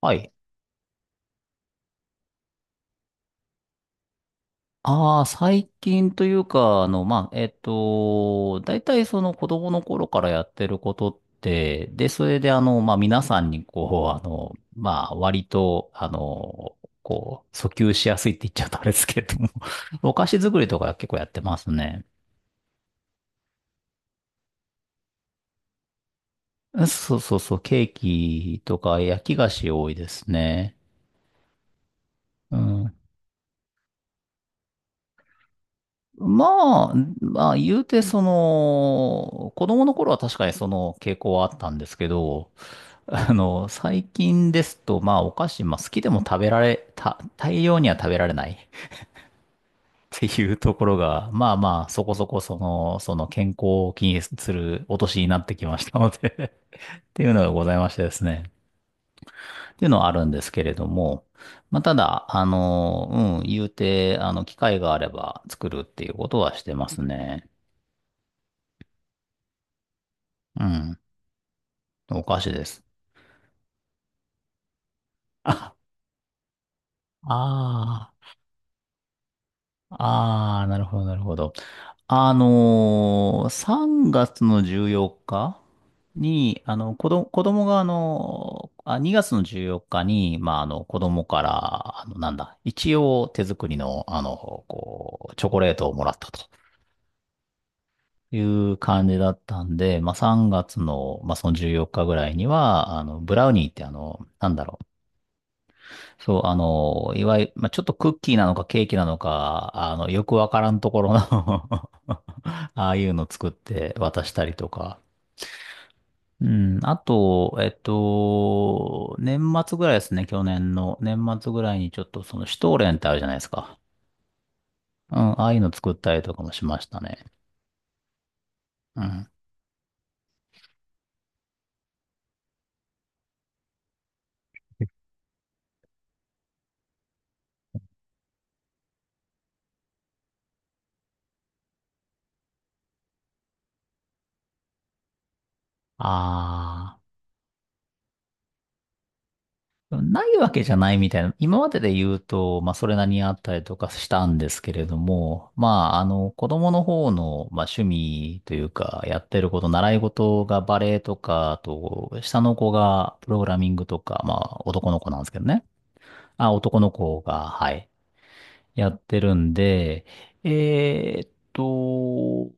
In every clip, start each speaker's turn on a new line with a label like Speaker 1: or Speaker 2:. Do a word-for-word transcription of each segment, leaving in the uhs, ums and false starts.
Speaker 1: はい。ああ、最近というか、あの、まあ、えっと、大体その子供の頃からやってることって、で、それであの、まあ、皆さんにこう、あの、まあ、割と、あの、こう、訴求しやすいって言っちゃうとあれですけれども、お菓子作りとか結構やってますね。そうそうそう、ケーキとか焼き菓子多いですね。うん。まあ、まあ、言うて、その、子供の頃は確かにその傾向はあったんですけど、あの、最近ですと、まあ、お菓子、まあ、好きでも食べられ、た、大量には食べられない っていうところが、まあまあ、そこそこ、その、その健康を気にするお年になってきましたので っていうのがございましてですね。っていうのはあるんですけれども、まあ、ただ、あの、うん、言うて、あの、機会があれば作るっていうことはしてますね。うん、お菓子です。ああ、ああ、なるほど、なるほど。あのー、さんがつのじゅうよっかに、あの、子ど、子供が、あの、あ、にがつのじゅうよっかに、まあ、あの、子供から、あの、なんだ、一応手作りの、あの、こう、チョコレートをもらったという感じだったんで、まあ、さんがつの、まあ、そのじゅうよっかぐらいには、あの、ブラウニーって、あの、なんだろう、そう、あの、いわゆる、まあ、ちょっとクッキーなのかケーキなのか、あの、よくわからんところの ああいうの作って渡したりとか。うん。あと、えっと、年末ぐらいですね、去年の。年末ぐらいにちょっとその、シュトーレンってあるじゃないですか。うん。ああいうの作ったりとかもしましたね。うん。あないわけじゃないみたいな、今までで言うと、まあ、それなりにあったりとかしたんですけれども、まあ、あの、子供の方の、まあ、趣味というか、やってること、習い事がバレエとか、あと、下の子がプログラミングとか、まあ、男の子なんですけどね。あ、男の子が、はい、やってるんで、えーっと、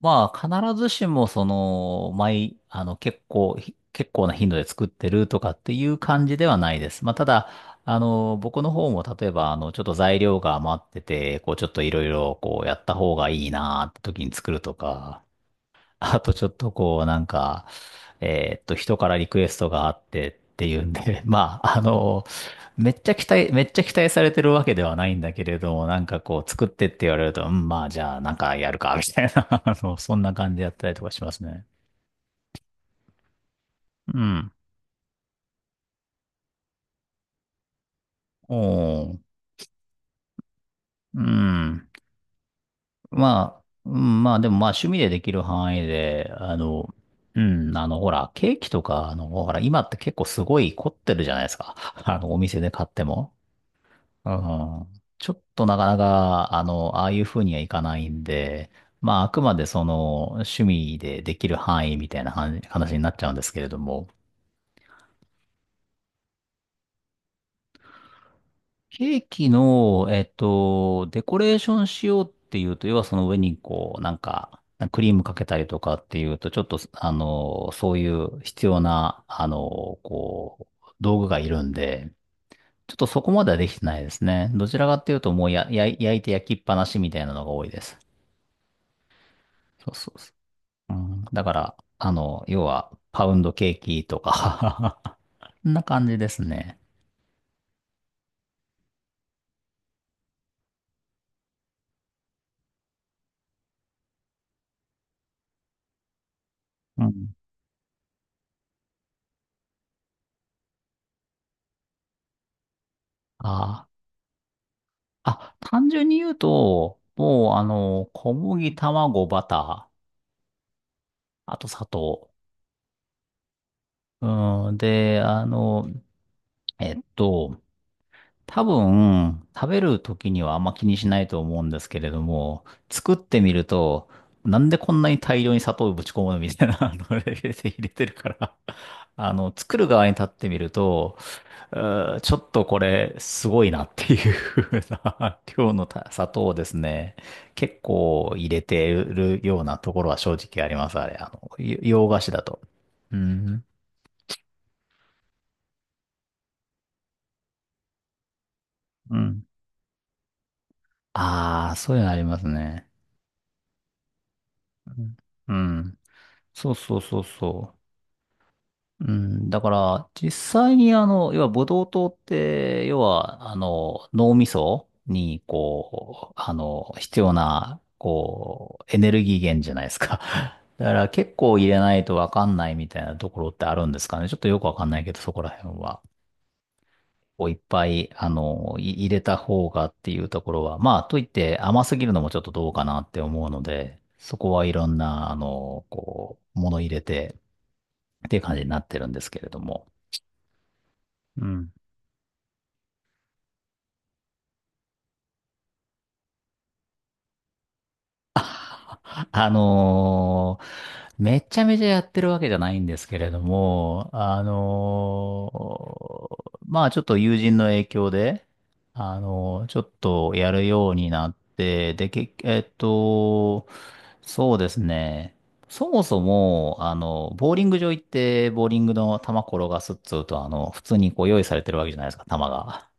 Speaker 1: まあ、必ずしも、その、毎、あの、結構、ひ結構な頻度で作ってるとかっていう感じではないです。まあ、ただ、あの、僕の方も、例えば、あの、ちょっと材料が余ってて、こう、ちょっといろいろ、こう、やった方がいいなーって時に作るとか、あとちょっとこう、なんか、えーっと、人からリクエストがあってっていうんで、まあ、あの、めっちゃ期待、めっちゃ期待されてるわけではないんだけれども、なんかこう、作ってって言われると、うん、まあ、じゃあ、なんかやるか、みたいな、あの、そんな感じでやったりとかしますね。うん。おー。うん。まあ、うん、まあ、でもまあ、趣味でできる範囲で、あの、うん、あの、ほら、ケーキとか、あの、ほら、今って結構すごい凝ってるじゃないですか。あの、お店で買っても。うんちょっとなかなか、あの、ああいう風にはいかないんで、まあ、あくまでその、趣味でできる範囲みたいな話話になっちゃうんですけれども、ケーキの、えっと、デコレーションしようっていうと、要はその上にこう、なんか、クリームかけたりとかっていうと、ちょっと、あの、そういう必要な、あの、こう、道具がいるんで、ちょっとそこまではできてないですね。どちらかっていうと、もうや、や、焼いて焼きっぱなしみたいなのが多いです。そうそうそう。うん、だから、あの、要は、パウンドケーキとか そんな感じですね。うん。あーあ、単純に言うと、もう、あの、小麦、卵、バター、あと砂糖。うん、で、あの、えっと、多分、食べる時にはあんま気にしないと思うんですけれども、作ってみると、なんでこんなに大量に砂糖をぶち込むのみたいな、あのレベルで 入れてるからあの、作る側に立ってみると、うーちょっとこれ、すごいなっていう風な 今日のた砂糖をですね、結構入れてるようなところは正直あります、あれ。あの、よ洋菓子だと。うん。うん。ああ、そういうのありますね。うんうん。そうそうそうそう。うん、だから、実際にあの、要は、ブドウ糖って、要は、あの、脳みそに、こう、あの、必要な、こう、エネルギー源じゃないですか。だから、結構入れないとわかんないみたいなところってあるんですかね。ちょっとよくわかんないけど、そこら辺は。こういっぱい、あの、い入れた方がっていうところは、まあ、といって甘すぎるのもちょっとどうかなって思うので、そこはいろんな、あの、こう、もの入れて、っていう感じになってるんですけれども。うんあのーめちゃめちゃやってるわけじゃないんですけれども、あのーまあちょっと友人の影響で、あのーちょっとやるようになって、で、け、えっと、そうですね。そもそも、あの、ボーリング場行って、ボーリングの球転がすっつうと、あの、普通にこう用意されてるわけじゃないですか、球が。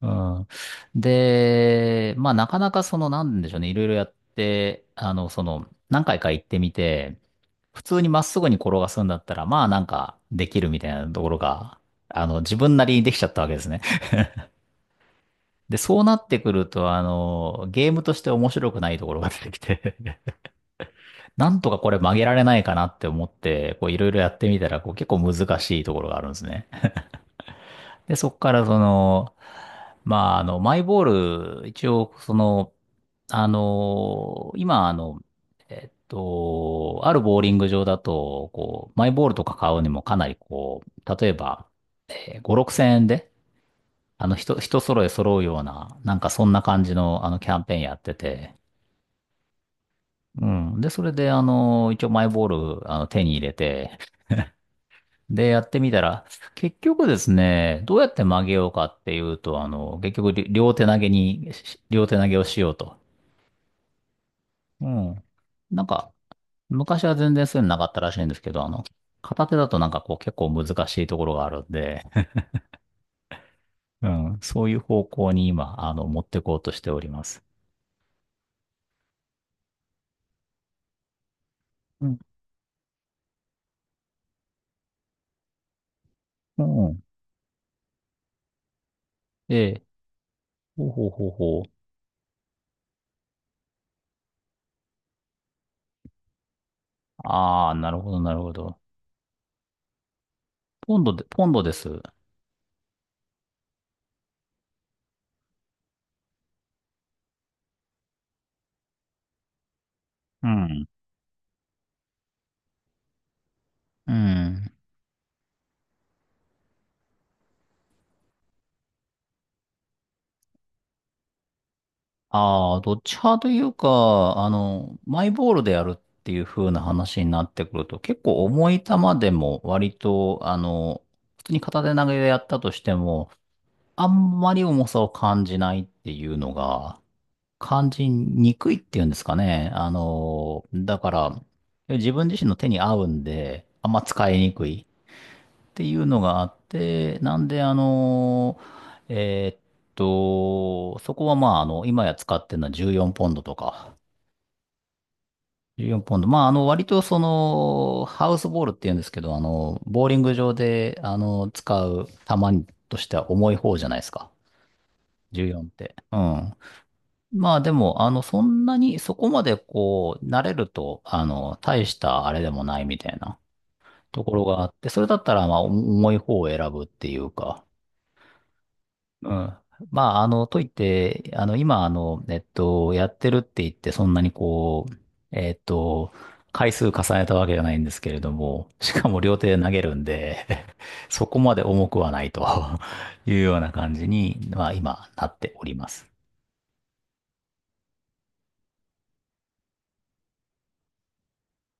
Speaker 1: うん。で、まあなかなかその、なんでしょうね、いろいろやって、あの、その、何回か行ってみて、普通にまっすぐに転がすんだったら、まあなんかできるみたいなところが、あの、自分なりにできちゃったわけですね。で、そうなってくると、あの、ゲームとして面白くないところが出てきて なんとかこれ曲げられないかなって思って、こういろいろやってみたら、こう結構難しいところがあるんですね。で、そこからその、まあ、あの、マイボール、一応、その、あの、今、あの、えっと、あるボーリング場だと、こう、マイボールとか買うにもかなりこう、例えば、えーご、ろくせん円で、あの、人、人揃え揃うような、なんかそんな感じの、あの、キャンペーンやってて、うん。で、それで、あの、一応マイボール、あの、手に入れて、で、やってみたら、結局ですね、どうやって曲げようかっていうと、あの、結局、り両手投げに、し両手投げをしようと。うん。なんか、昔は全然そういうのなかったらしいんですけど、あの、片手だとなんかこう結構難しいところがあるんで、うん、そういう方向に今、あの、持ってこうとしております。うん。うん。ええ。ほうほうほうほう。ああ、なるほど、なるほど。ポンドで、ポンドです。うん。うん。ああ、どっち派というか、あの、マイボールでやるっていう風な話になってくると、結構重い球でも割と、あの、普通に片手投げでやったとしても、あんまり重さを感じないっていうのが、感じにくいっていうんですかね。あの、だから、自分自身の手に合うんで、あんま使いにくい。っていうのがあって、なんで、あの、えーっと、そこはまあ、あの、今や使ってるのはじゅうよんポンドとか、じゅうよんポンド。まあ、あの、割とその、ハウスボールっていうんですけど、あの、ボーリング場で、あの、使う球としては重い方じゃないですか。じゅうよんって。うん。まあでも、あの、そんなに、そこまでこう、慣れると、あの、大したあれでもないみたいなところがあって、それだったら、まあ、重い方を選ぶっていうか、うん。まあ、あの、といって、あの、今、あの、えっと、やってるって言って、そんなにこう、えっと、回数重ねたわけじゃないんですけれども、しかも両手で投げるんで、そこまで重くはないと いうような感じに、まあ、今、なっております。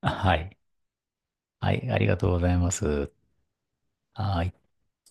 Speaker 1: はい。はい、ありがとうございます。はい。